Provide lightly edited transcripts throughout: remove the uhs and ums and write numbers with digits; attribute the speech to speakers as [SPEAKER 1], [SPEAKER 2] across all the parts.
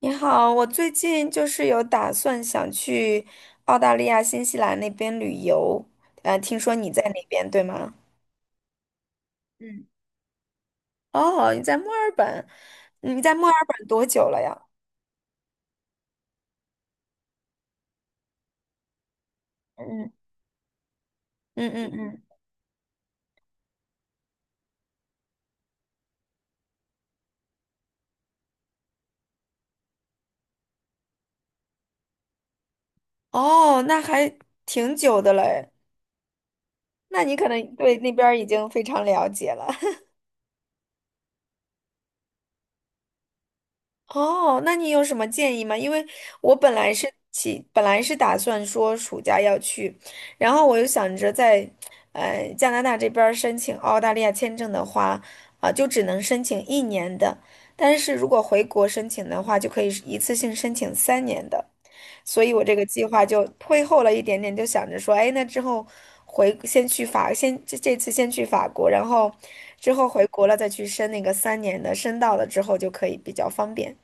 [SPEAKER 1] 你好，我最近就是有打算想去澳大利亚、新西兰那边旅游，听说你在那边，对吗？嗯。哦，你在墨尔本，你在墨尔本多久了呀？嗯。嗯嗯嗯。哦，那还挺久的嘞。那你可能对那边儿已经非常了解了。哦，那你有什么建议吗？因为我本来是打算说暑假要去，然后我又想着在，加拿大这边儿申请澳大利亚签证的话，啊、就只能申请1年的，但是如果回国申请的话，就可以是一次性申请三年的，所以我这个计划就推后了一点点，就想着说，哎，那之后回先去法，先这次先去法国，然后之后回国了再去申那个三年的，申到了之后就可以比较方便。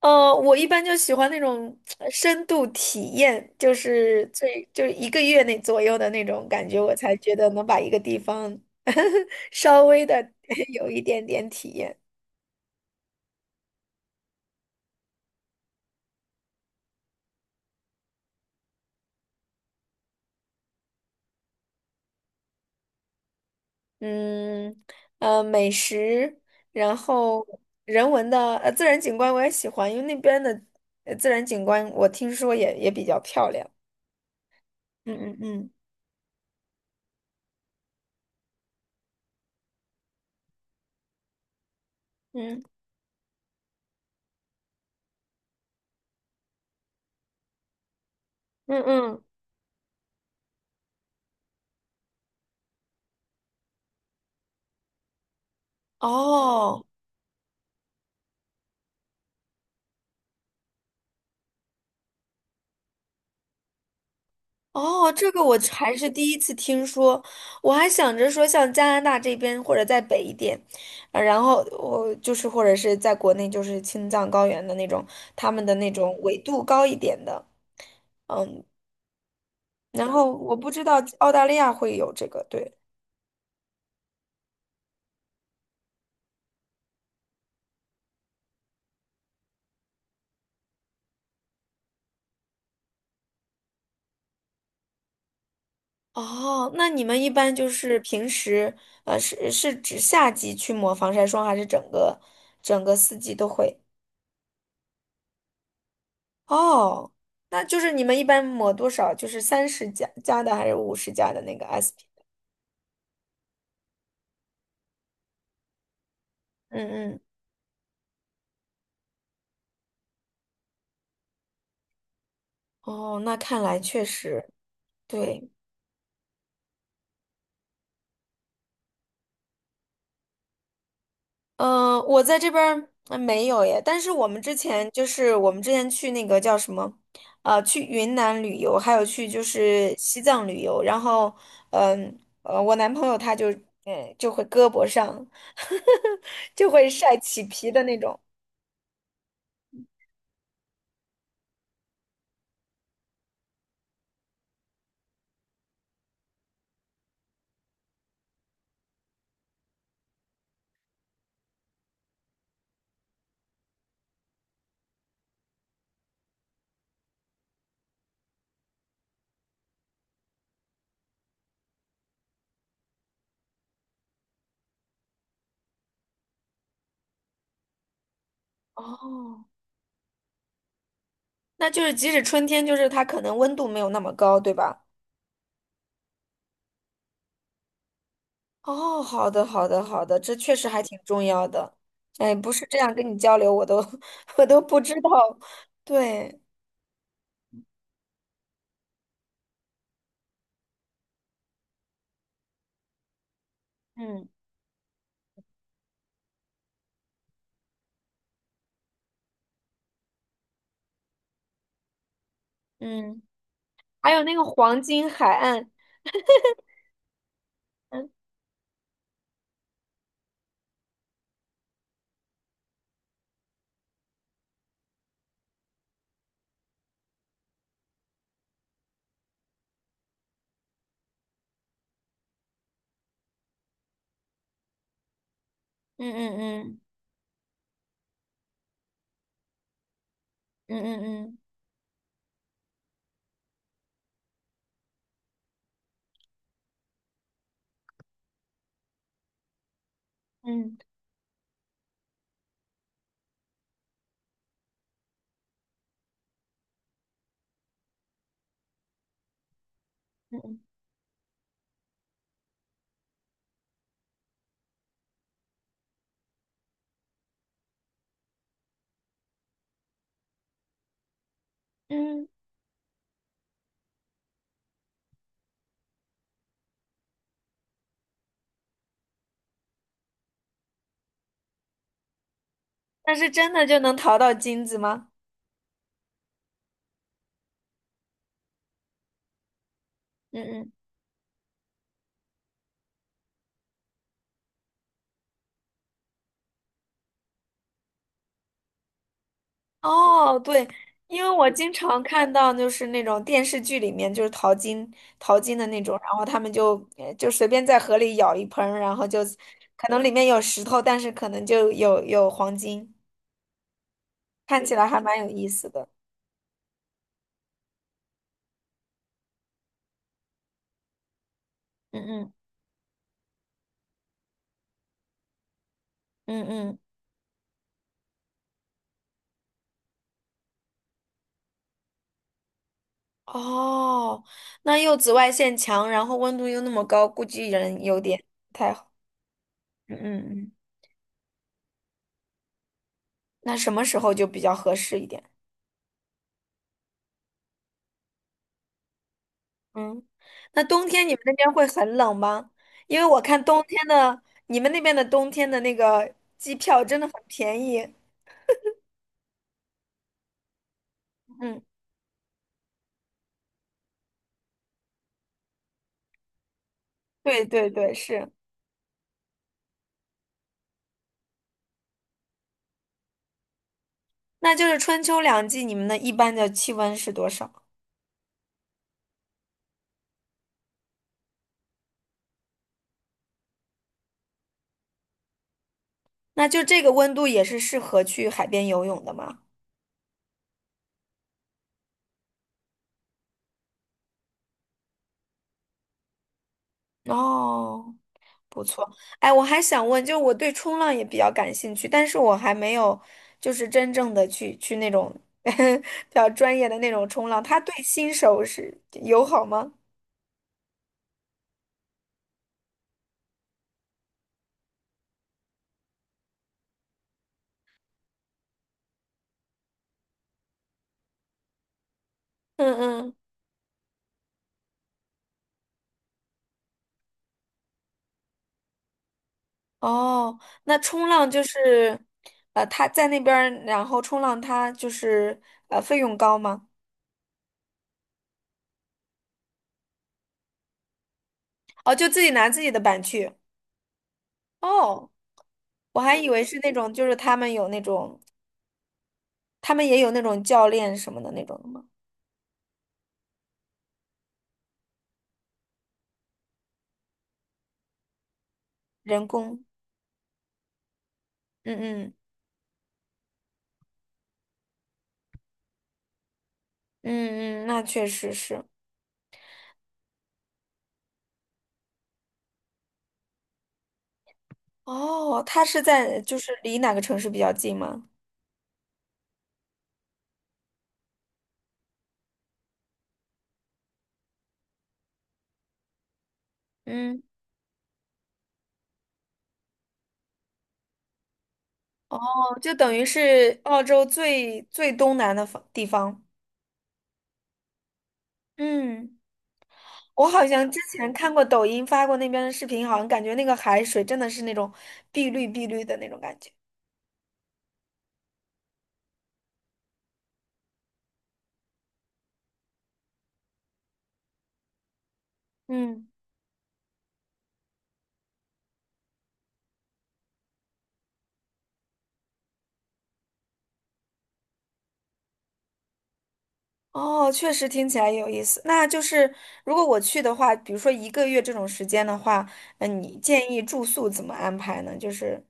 [SPEAKER 1] 我一般就喜欢那种深度体验，就是就是一个月内左右的那种感觉，我才觉得能把一个地方 稍微的 有一点点体验。嗯。美食，然后人文的自然景观我也喜欢，因为那边的自然景观我听说也比较漂亮。嗯嗯嗯嗯嗯嗯。哦。哦，这个我还是第一次听说，我还想着说像加拿大这边或者再北一点，然后我就是或者是在国内就是青藏高原的那种，他们的那种纬度高一点的，然后我不知道澳大利亚会有这个，对。哦，那你们一般就是平时，是指夏季去抹防晒霜，还是整个四季都会？哦，那就是你们一般抹多少？就是三十加的还是五十加的那个 SP？嗯嗯。哦，那看来确实对。我在这边儿没有耶，但是我们之前去那个叫什么，去云南旅游，还有去就是西藏旅游，然后，我男朋友他就，就会胳膊上 就会晒起皮的那种。哦，那就是即使春天，就是他可能温度没有那么高，对吧？哦，好的，好的，好的，这确实还挺重要的。哎，不是这样跟你交流，我都 我都不知道。对。嗯嗯。还有那个黄金海岸。嗯嗯嗯嗯嗯嗯嗯嗯嗯嗯。但是真的就能淘到金子吗？嗯嗯。哦，对，因为我经常看到就是那种电视剧里面就是淘金的那种，然后他们就就随便在河里舀一盆儿然后就可能里面有石头，但是可能就有黄金，看起来还蛮有意思的。嗯嗯嗯嗯。哦，那又紫外线强，然后温度又那么高，估计人有点不太好。嗯嗯嗯。那什么时候就比较合适一点？嗯。那冬天你们那边会很冷吗？因为我看冬天的，你们那边的冬天的那个机票真的很便宜。嗯，对对对，是。那就是春秋两季，你们的一般的气温是多少？那就这个温度也是适合去海边游泳的吗？哦，不错。哎，我还想问，就是我对冲浪也比较感兴趣，但是我还没有就是真正的去那种 比较专业的那种冲浪，他对新手是友好吗？嗯嗯。哦，那冲浪就是，他在那边儿，然后冲浪他就是费用高吗？哦，就自己拿自己的板去。哦，我还以为是那种，就是他们有那种，他们也有那种教练什么的那种的吗？人工。嗯嗯嗯嗯。那确实是。哦，他是在就是离哪个城市比较近吗？嗯。哦，就等于是澳洲最东南的地方。嗯。我好像之前看过抖音发过那边的视频，好像感觉那个海水真的是那种碧绿碧绿的那种感觉。嗯。哦，确实听起来有意思。那就是如果我去的话，比如说一个月这种时间的话，嗯，你建议住宿怎么安排呢？就是，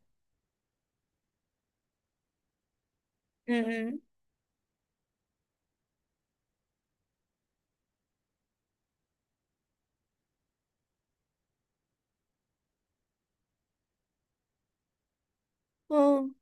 [SPEAKER 1] 嗯嗯嗯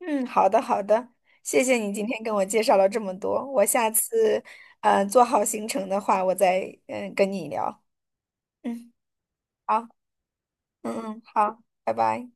[SPEAKER 1] 嗯，好的好的，谢谢你今天跟我介绍了这么多。我下次嗯，做好行程的话，我再嗯跟你聊。嗯，好，嗯嗯，好，拜拜。